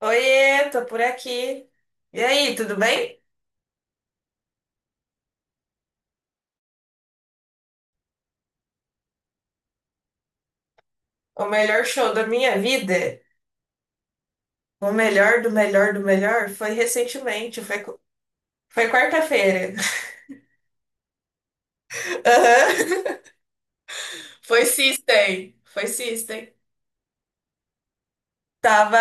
Oiê, tô por aqui. E aí, tudo bem? O melhor show da minha vida, o melhor do melhor do melhor, foi recentemente, foi quarta-feira. Aham. Foi System, foi System. Tava,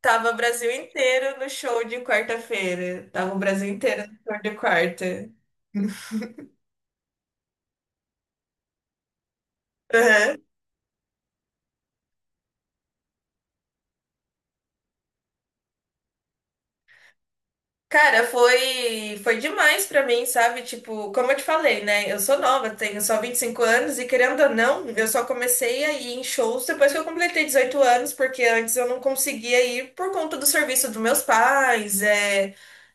tava o Brasil inteiro no show de quarta-feira. Tava o Brasil inteiro no show de quarta. Aham. Cara, foi demais pra mim, sabe? Tipo, como eu te falei, né? Eu sou nova, tenho só 25 anos e, querendo ou não, eu só comecei a ir em shows depois que eu completei 18 anos, porque antes eu não conseguia ir por conta do serviço dos meus pais,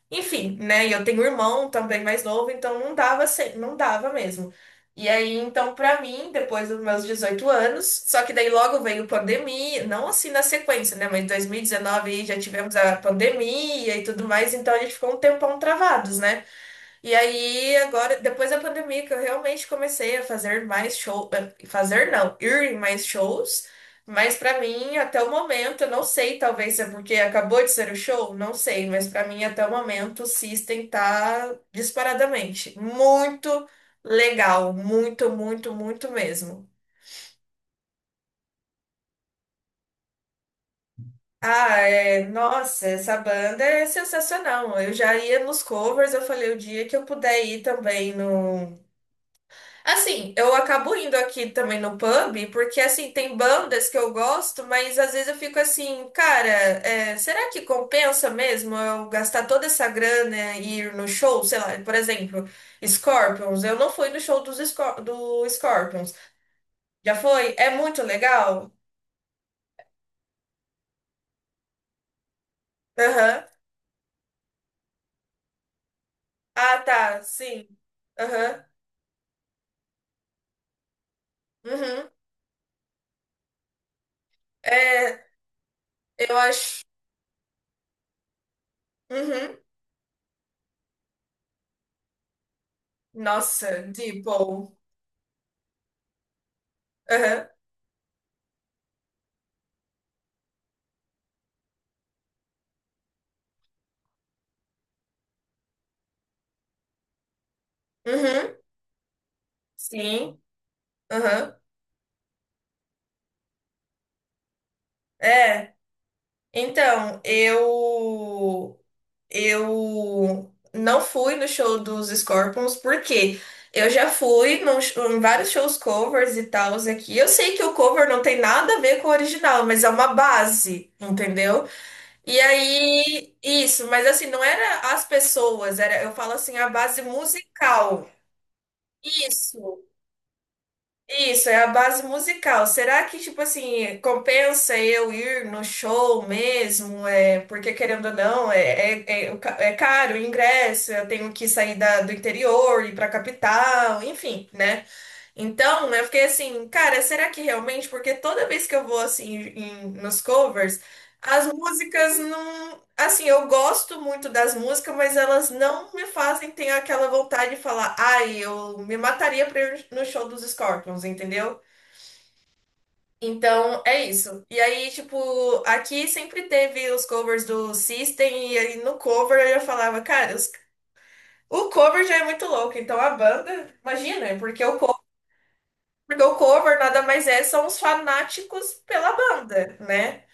enfim, né? E eu tenho um irmão também mais novo, então não dava, não dava mesmo. E aí, então, pra mim, depois dos meus 18 anos, só que daí logo veio pandemia, não assim na sequência, né? Mas em 2019 já tivemos a pandemia e tudo mais, então a gente ficou um tempão travados, né? E aí, agora, depois da pandemia, que eu realmente comecei a fazer mais shows, fazer não, ir em mais shows, mas pra mim, até o momento, eu não sei, talvez é porque acabou de ser o show, não sei, mas pra mim, até o momento, o System tá disparadamente muito legal, muito, muito, muito mesmo. Ah, é, nossa, essa banda é sensacional. Eu já ia nos covers, eu falei o dia que eu puder ir também no. Assim, eu acabo indo aqui também no pub, porque assim, tem bandas que eu gosto, mas às vezes eu fico assim, cara, será que compensa mesmo eu gastar toda essa grana e ir no show? Sei lá, por exemplo, Scorpions. Eu não fui no show dos do Scorpions. Já foi? É muito legal? Aham. Ah, tá, sim. Aham. Uhum. É, eu acho. Uhum. Nossa, Deeple. Aham. Uhum. Sim. Aham. É. Então, eu não fui no show dos Scorpions porque eu já fui em vários shows covers e tals aqui. Eu sei que o cover não tem nada a ver com o original, mas é uma base, entendeu? E aí, isso, mas assim, não era as pessoas, era, eu falo assim, a base musical. Isso. Isso, é a base musical. Será que, tipo assim, compensa eu ir no show mesmo? É, porque, querendo ou não, é caro o ingresso, eu tenho que sair do interior, ir pra capital, enfim, né? Então, eu fiquei assim, cara, será que realmente? Porque toda vez que eu vou assim nos covers, as músicas não. Assim, eu gosto muito das músicas, mas elas não me fazem ter aquela vontade de falar, ai, eu me mataria pra ir no show dos Scorpions, entendeu? Então, é isso. E aí, tipo, aqui sempre teve os covers do System, e aí no cover eu já falava, cara, o cover já é muito louco, então a banda, imagina, porque o. Porque o cover nada mais é, são os fanáticos pela banda, né?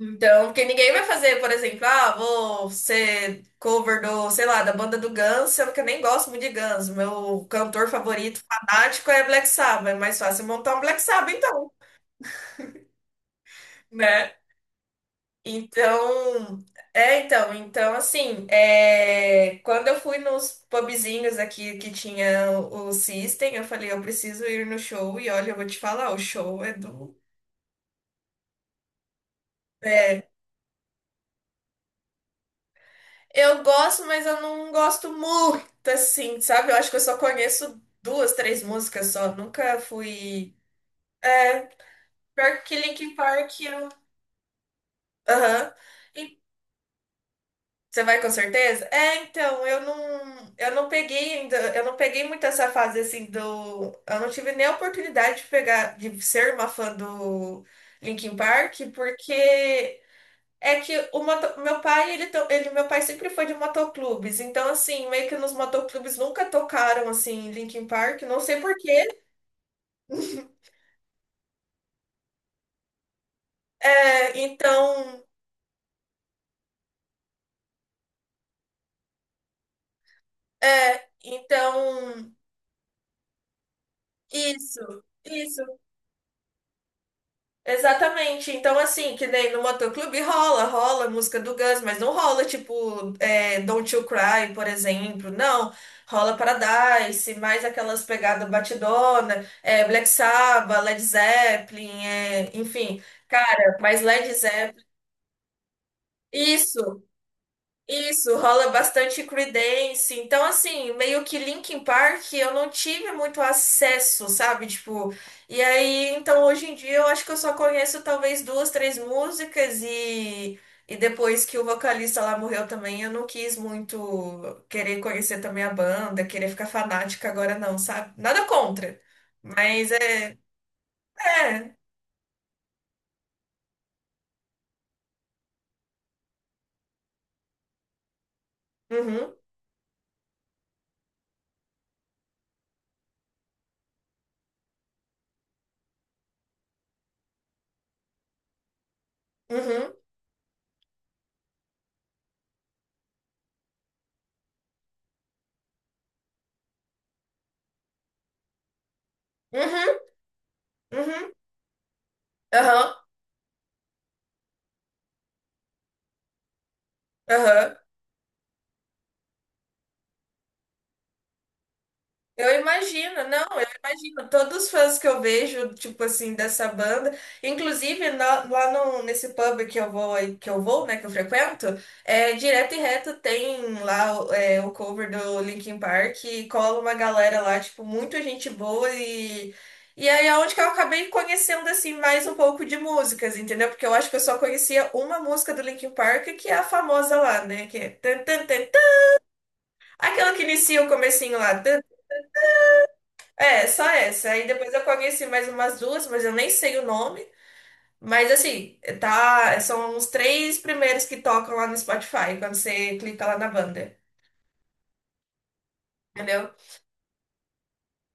Então, porque ninguém vai fazer, por exemplo, ah, vou ser cover do, sei lá, da banda do Guns, sendo que eu nem gosto muito de Guns. Meu cantor favorito, fanático, é Black Sabbath. É mais fácil montar um Black Sabbath, então, né? Então, então, assim, quando eu fui nos pubzinhos aqui que tinha o System, eu falei, eu preciso ir no show, e olha, eu vou te falar, o show é do. É. Eu gosto, mas eu não gosto muito, assim, sabe? Eu acho que eu só conheço duas, três músicas só. Nunca fui. É, pior que Linkin Park, eu. Aham. E Você vai com certeza? É, então, eu não peguei ainda, eu não peguei muito essa fase assim do. Eu não tive nem a oportunidade de pegar, de ser uma fã do Linkin Park, porque. É que o meu pai, meu pai sempre foi de motoclubes, então assim, meio que nos motoclubes nunca tocaram assim Linkin Park, não sei por quê. É, então, é, então, isso, isso. Exatamente. Então, assim, que nem no motoclube rola, rola música do Guns, mas não rola, tipo, Don't You Cry, por exemplo. Não. Rola Paradise, mais aquelas pegadas batidona, é, Black Sabbath, Led Zeppelin, é, enfim. Cara, mas Led Zeppelin. Isso. Isso, rola bastante Creedence. Então, assim, meio que Linkin Park eu não tive muito acesso, sabe? Tipo, e aí, então hoje em dia eu acho que eu só conheço talvez duas, três músicas e depois que o vocalista lá morreu também, eu não quis muito querer conhecer também a banda, querer ficar fanática agora não, sabe? Nada contra. Mas é, é. Uhum, uhum, uhum, uhum, uhum, aham, aham. Eu imagino, não, eu imagino. Todos os fãs que eu vejo, tipo assim, dessa banda, inclusive na- lá no, nesse pub que eu vou, que eu frequento, direto e reto tem lá, é, o cover do Linkin Park e cola uma galera lá, tipo, muito gente boa e aí é onde que eu acabei conhecendo assim mais um pouco de músicas, entendeu? Porque eu acho que eu só conhecia uma música do Linkin Park, que é a famosa lá, né, que é tan, tan, tan, tan, aquela que inicia o comecinho lá. É, só essa. Aí depois eu conheci mais umas duas, mas eu nem sei o nome. Mas assim, tá, são os três primeiros que tocam lá no Spotify, quando você clica lá na banda, entendeu?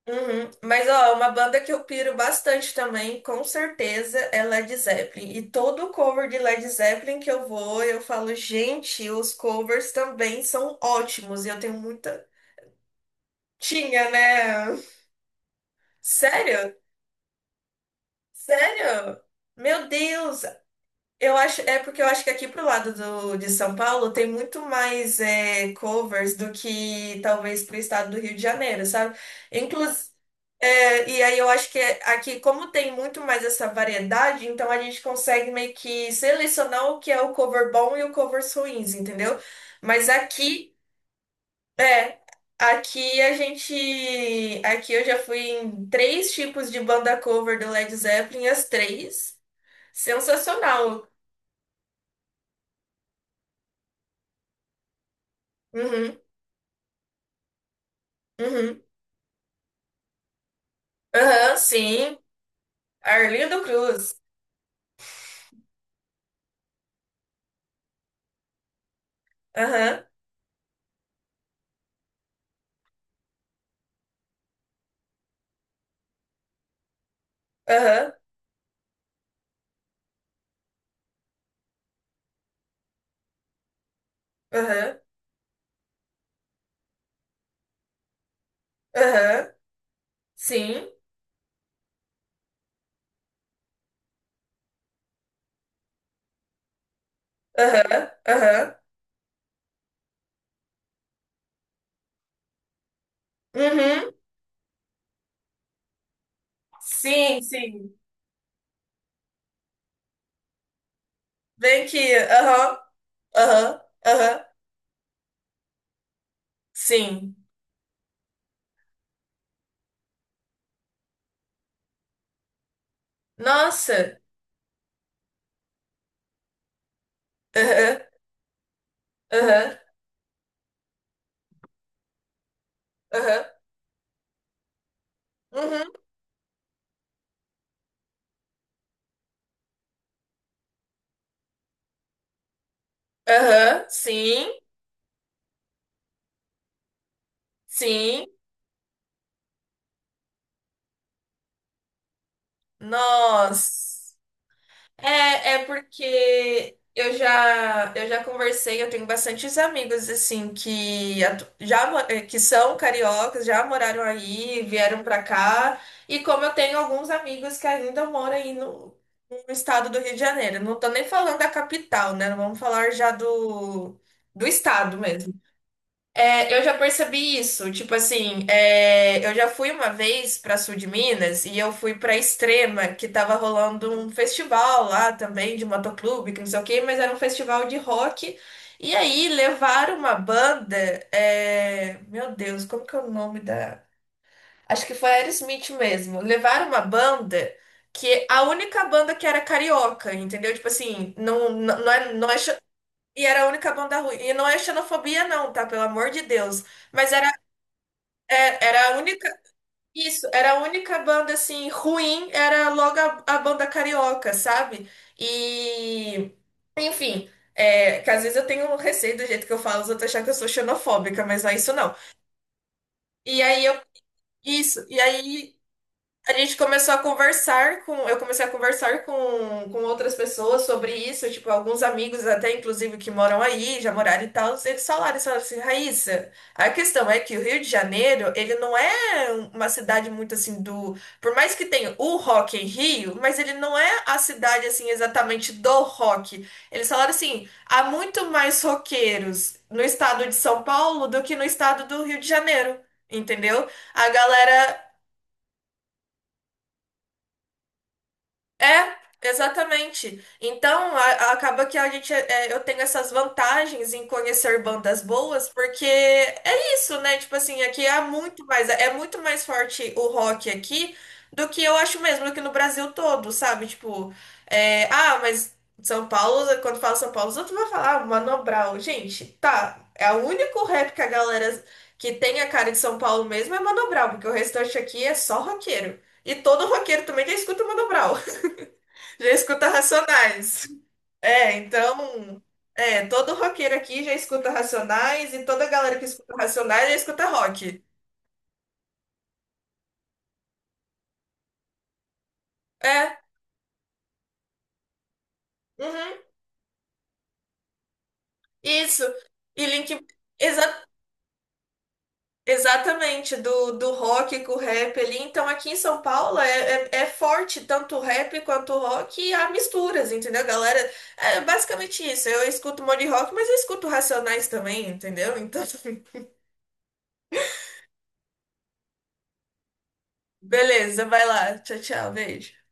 Uhum. Mas ó, uma banda que eu piro bastante também, com certeza, é Led Zeppelin. E todo cover de Led Zeppelin que eu vou, eu falo, gente, os covers também são ótimos. E eu tenho muita. Tinha, né? Sério? Sério? Meu Deus! Eu acho, é porque eu acho que aqui pro de São Paulo tem muito mais, é, covers do que talvez pro estado do Rio de Janeiro, sabe? Inclus, é, e aí eu acho que aqui, como tem muito mais essa variedade, então a gente consegue meio que selecionar o que é o cover bom e o covers ruins, entendeu? Mas aqui, é, aqui a gente, aqui eu já fui em três tipos de banda cover do Led Zeppelin, as três. Sensacional. Uhum, uhum. Aham, sim. Arlindo Cruz. Aham, aham, aham, aham. Sim. Aham, aham. Uhum. Sim, sim. Vem aqui. Aham, aham, aham. Sim. Nossa. Aham, aham, aham. Uhum. Aham, sim, sim. Nossa. É, é porque eu já conversei, eu tenho bastantes amigos assim que atu- já mo- eh, que são cariocas, já moraram aí, vieram pra cá, e como eu tenho alguns amigos que ainda moram aí no estado do Rio de Janeiro. Não tô nem falando da capital, né? Vamos falar já do estado mesmo. É, eu já percebi isso. Tipo assim, é, eu já fui uma vez para sul de Minas e eu fui para Extrema, que tava rolando um festival lá também de motoclube, que não sei o quê, mas era um festival de rock. E aí levaram uma banda, é, meu Deus, como que é o nome da? Acho que foi Aerosmith mesmo. Levaram uma banda que a única banda que era carioca, entendeu? Tipo assim, não é, não é e era a única banda ruim. E não é xenofobia, não, tá? Pelo amor de Deus. Mas era, era a única. Isso, era a única banda, assim, ruim, era logo a banda carioca, sabe? E. Enfim, é, que às vezes eu tenho receio do jeito que eu falo, os outros acham que eu sou xenofóbica, mas não é isso, não. E aí eu. Isso, e aí. A gente começou a conversar com, eu comecei a conversar com outras pessoas sobre isso, tipo, alguns amigos até, inclusive, que moram aí, já moraram e tal, eles falaram assim, Raíssa, a questão é que o Rio de Janeiro, ele não é uma cidade muito assim do, por mais que tenha o Rock em Rio, mas ele não é a cidade assim exatamente do rock. Eles falaram assim, há muito mais roqueiros no estado de São Paulo do que no estado do Rio de Janeiro, entendeu? A galera. É, exatamente. Então, acaba que a gente, eu tenho essas vantagens em conhecer bandas boas, porque é isso, né? Tipo assim, aqui há muito mais, é muito mais forte o rock aqui do que eu acho mesmo, do que no Brasil todo, sabe? Tipo, mas São Paulo, quando fala São Paulo, os outros vão falar, ah, Mano Brown. Gente, tá, é o único rap que a galera que tem a cara de São Paulo mesmo é Mano Brown, porque o restante aqui é só roqueiro. E todo roqueiro também já escuta o Mano Brown. Já escuta Racionais. É, então, é, todo roqueiro aqui já escuta Racionais e toda galera que escuta Racionais já escuta rock. É, uhum, isso. E Link, exa- exatamente, do rock com o rap ali. Então, aqui em São Paulo é forte tanto o rap quanto o rock e há misturas, entendeu? Galera, é basicamente isso. Eu escuto um monte de rock, mas eu escuto Racionais também, entendeu? Então, beleza, vai lá. Tchau, tchau, beijo.